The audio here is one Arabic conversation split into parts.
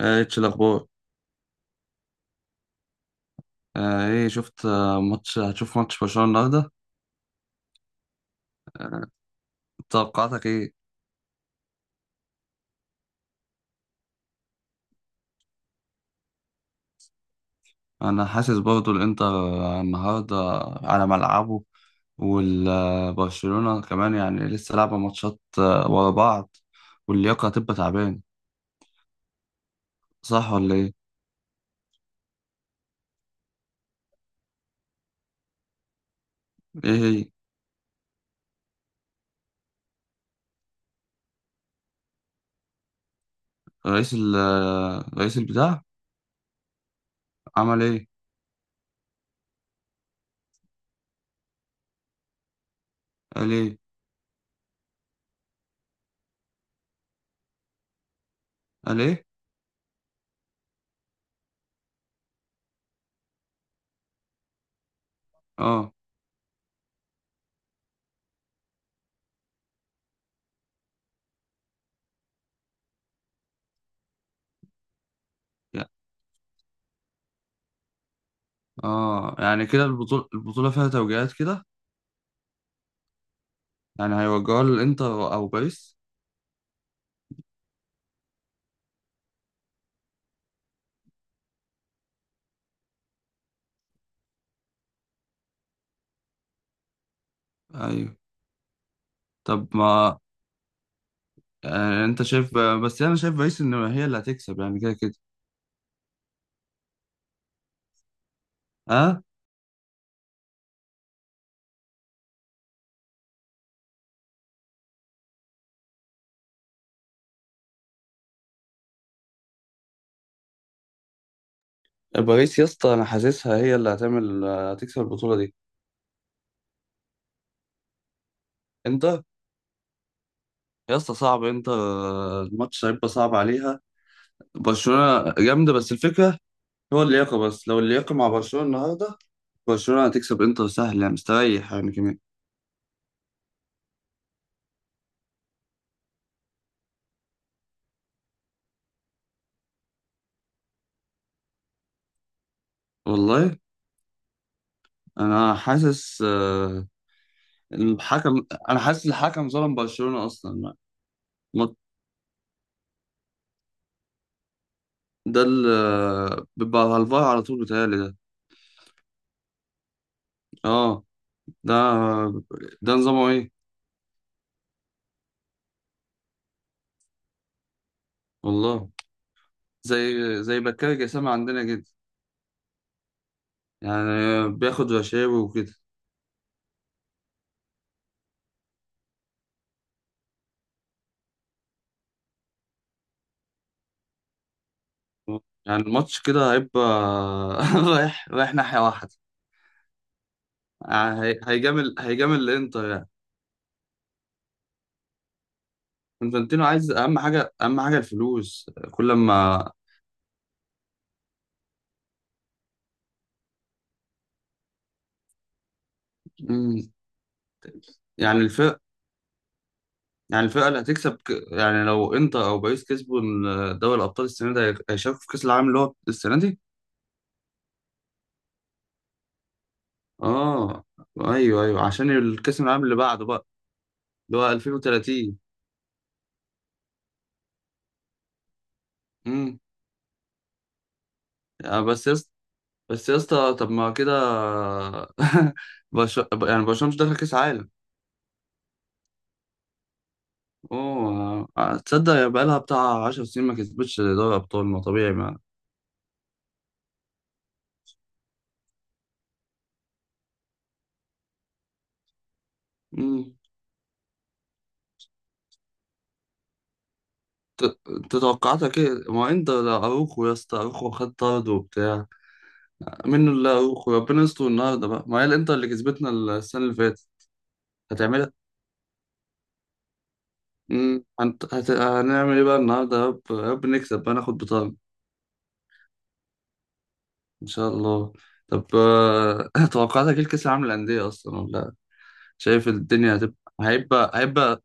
اتش الاخبار. ايه، شفت آه، هتشوف ماتش برشلونة النهارده؟ توقعاتك ايه؟ انا حاسس برضو الانتر النهارده على ملعبه، والبرشلونة كمان يعني لسه لعبة ماتشات ورا بعض، واللياقة هتبقى تعبان، صح ولا ايه؟ ايه هي؟ رئيس ال آه، رئيس البتاع، عمل ايه؟ قال ايه؟ قال ايه؟ اه، يع- اه يعني كده البطولة البطولة فيها توجيهات كده، يعني هيوجهوها للانتر او باريس. ايوه. طب ما، انت شايف، بس انا شايف باريس ان هي اللي هتكسب يعني كده كده. اه. باريس يا اسطى، انا حاسسها هي اللي هتكسب البطوله دي. انتر. يا اسطى صعب، انتر الماتش هيبقى صعب عليها، برشلونه جامده، بس الفكره هو اللياقه، بس لو اللياقه مع برشلونه النهارده برشلونه هتكسب، انتر سهل يعني مستريح يعني كمان. والله، انا حاسس. انا حاسس الحكم ظلم برشلونه اصلا. ما- ده اللي بيبقى على الفار على طول بيتهيألي ده. اه. ده ده نظامه ايه؟ والله، زي زي بكار جسام عندنا كده، يعني بياخد رشاوي وكده. يعني الماتش كده هيبقى رايح رايح ناحية واحدة، يعني هيجامل الانتر يعني. انفانتينو عايز اهم حاجة، اهم حاجة الفلوس كل ما... مم. يعني الفرقة اللي هتكسب يعني لو انتر او باريس كسبوا دوري الابطال السنة دي هيشاركوا في كأس العالم اللي هو السنة دي. اه، ايوه ايوه عشان الكأس العالم اللي بعده بقى، اللي هو 2030. امم. يعني بس يا اسطى، بس يا اسطى طب ما كده يعني برشلونة مش داخل كأس عالم. اوه، تصدق يا، بقالها بتاع 10 سنين ما كسبتش دوري ابطال، ما طبيعي ما. امم. انت توقعاتك ايه؟ ما انت ده اروخو يا اسطى، اروخو خد طرد وبتاع منه، اللي اروخو ربنا يستر النهارده بقى، ما هي الانتر اللي كسبتنا السنة اللي فاتت هتعملها. امم، هنعمل ايه بقى النهارده؟ يا رب يا رب نكسب بقى ناخد بطاقة. ان شاء الله. طب توقعاتك ايه لكاس العالم للانديه اصلا، ولا شايف الدنيا هتبقى؟ هيبقى هيبقى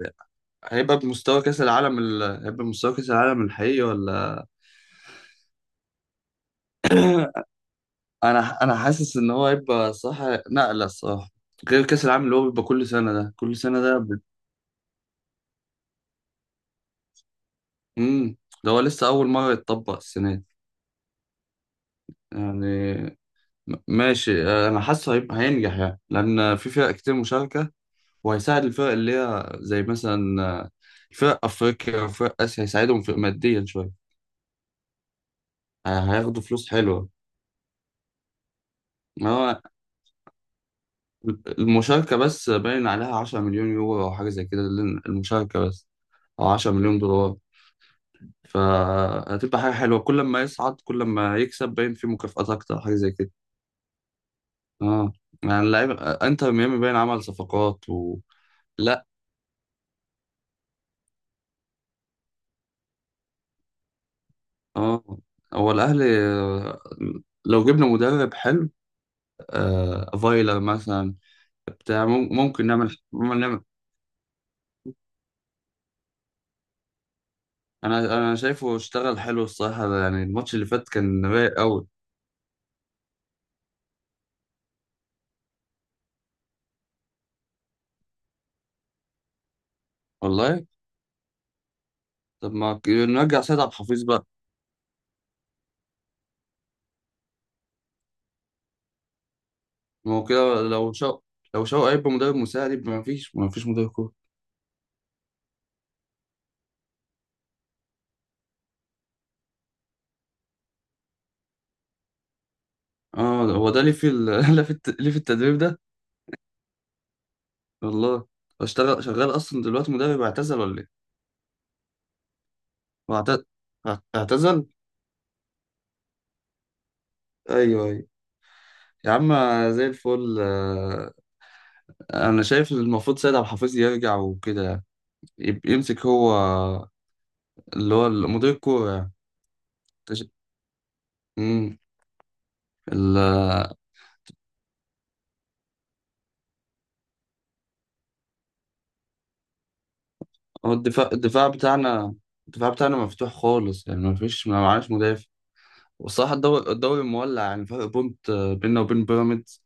هيبقى بمستوى كاس العالم الحقيقي ولا؟ انا حاسس ان هو هيبقى صح. نقله الصراحه، غير كاس العالم اللي هو بيبقى كل سنه ده، امم. ده هو لسه اول مره يتطبق السنه دي. يعني، ماشي، انا حاسه هيبقى هينجح يعني لان في فرق كتير مشاركه، وهيساعد الفرق اللي هي زي مثلا الفرق أفريقيا وفرق آسيا، هيساعدهم في ماديا شوية. هياخدوا فلوس حلوة. ما هو المشاركة بس باين عليها 10 مليون يورو أو حاجة زي كده، المشاركة بس، أو 10 مليون دولار. فهتبقى حاجة حلوة، كل ما يصعد كل ما يكسب باين في مكافآت أكتر، حاجة زي كده. اه. يعني اللعيبة انتر ميامي باين عمل صفقات و... لا. اه، هو الأهلي، لو جبنا مدرب حلو، فايلر مثلا بتاع ممكن نعمل ممكن نعمل. انا شايفه اشتغل حلو الصراحه، يعني الماتش اللي فات كان رايق قوي. والله، طب ما نرجع سيد عبد الحفيظ بقى. ما هو كده لو شو هيبقى مدرب مساعد، يبقى ما فيش مدرب كوره. اه. هو ده ليه في التدريب ده؟ والله، شغال اصلا دلوقتي مدرب، اعتزل ولا ايه؟ هو اعتزل. ايوه ايوه. يا عم زي الفل. انا شايف المفروض سيد عبد الحفيظ يرجع وكده، يمسك هو اللي هو مدير الكورة يعني. تش- مم. ال- هو الدفاع بتاعنا، الدفاع بتاعنا مفتوح خالص يعني ما معناش مدافع. والصراحة الدوري مولع، يعني فرق بونت بيننا وبين بيراميدز.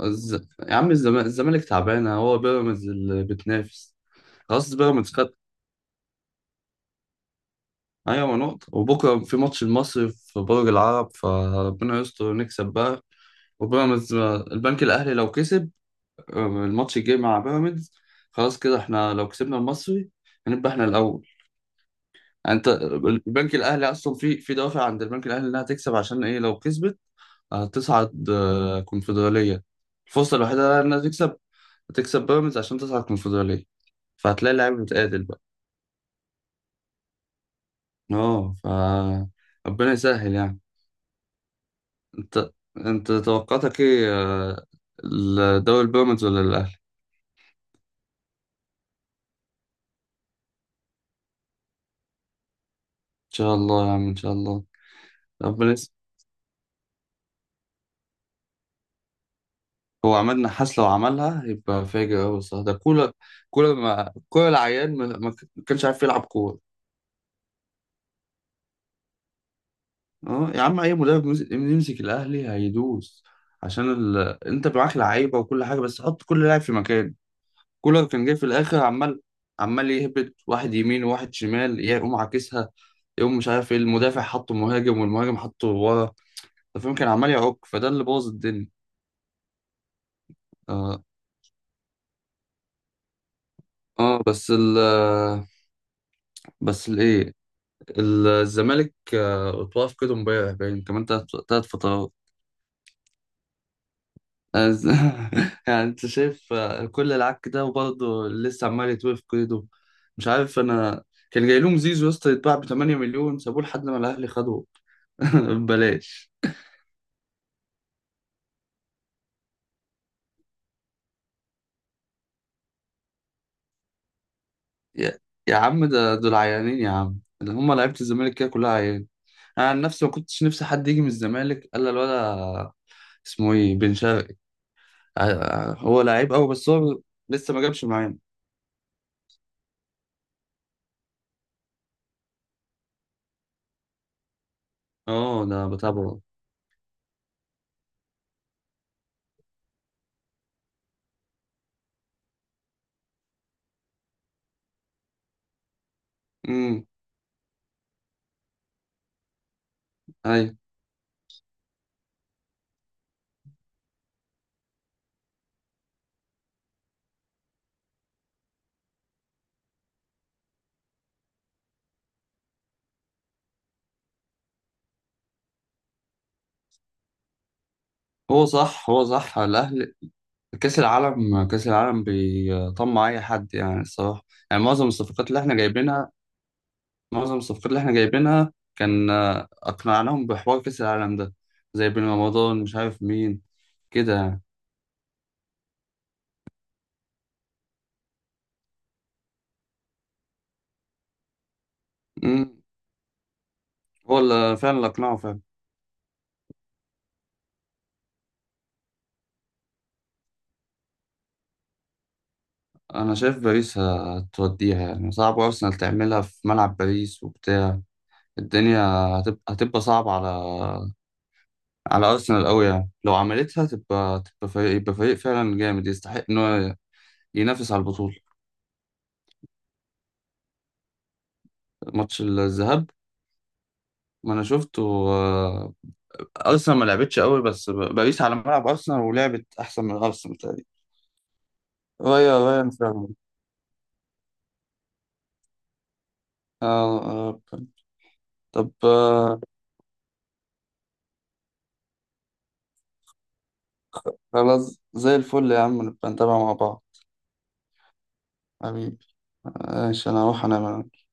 الز... يا عم الزمالك تعبانة، هو بيراميدز اللي بتنافس. خلاص بيراميدز خد. أيوة، ما نقطة، وبكرة في ماتش المصري في برج العرب، فربنا يستر نكسب بقى. وبيراميدز، البنك الأهلي لو كسب الماتش الجاي مع بيراميدز، خلاص كده احنا لو كسبنا المصري هنبقى احنا الاول. يعني انت البنك الاهلي اصلا في دوافع عند البنك الاهلي انها تكسب عشان ايه؟ لو كسبت هتصعد كونفدراليه، الفرصه الوحيده انها تكسب بيراميدز عشان تصعد كونفدراليه، فهتلاقي اللعيبه متقاتل بقى. اه، ربنا يسهل يعني. انت انت توقعاتك ايه؟ الدوري البيراميدز ولا الاهلي؟ ان شاء الله يا عم ان شاء الله. ربنا. هو عماد نحاس لو عملها يبقى فاجر أوي الصراحة، ده كولر. كولر ما كولر العيان ما كانش عارف يلعب كورة. اه يا عم، أي مدرب يمسك الأهلي هيدوس، عشان أنت معاك لعيبة وكل حاجة، بس حط كل لاعب في مكان. كولر كان جاي في الآخر عمال يهبط واحد يمين وواحد شمال، يقوم عاكسها، يقوم مش عارف ايه المدافع حطه مهاجم والمهاجم حطه ورا، أنت فاهم كان عمال يعك، فده اللي بوظ الدنيا. اه، آه بس ال بس الايه، الزمالك اتوقف كده امبارح باين كمان تلات تلات فترات. عايز- يعني انت شايف كل العك ده وبرضه لسه عمال يتوقف كده، مش عارف انا. كان جاي لهم زيزو يا اسطى يتباع ب 8 مليون، سابوه لحد ما الاهلي خدوه ببلاش. يا, يا عم، ده دول عيانين يا عم، اللي هم لعيبه الزمالك كده كلها عيان. انا عن نفسي ما كنتش نفسي حد يجي من الزمالك الا الولا، اسمه ايه، بن شرقي. هو لعيب قوي بس هو لسه ما جابش معانا. اه ده بتابعه. امم. ايوه. هو صح هو صح الاهلي، كاس العالم كاس العالم بيطمع اي حد يعني الصراحه. يعني معظم الصفقات اللي احنا جايبينها كان اقنعناهم بحوار كاس العالم ده، زي بن رمضان مش عارف مين كده يعني. امم. هو اللي فعلا اللي اقنعه فعلا. انا شايف باريس هتوديها يعني صعب ارسنال تعملها في ملعب باريس وبتاع الدنيا، هتبقى صعبه على ارسنال قوي، يعني لو عملتها تبقى تبقى فريق يبقى فريق فعلا جامد يستحق ان هو ينافس على البطوله. ماتش الذهاب ما انا شفته. آه، ارسنال ما لعبتش قوي بس باريس على ملعب ارسنال، ولعبت احسن من ارسنال تقريبا، رايا رايا فعلا. اه. آه، طب، خلاص زي الفل يا عم، نبقى نتابع مع بعض، حبيبي ماشي، انا هروح انام أنا.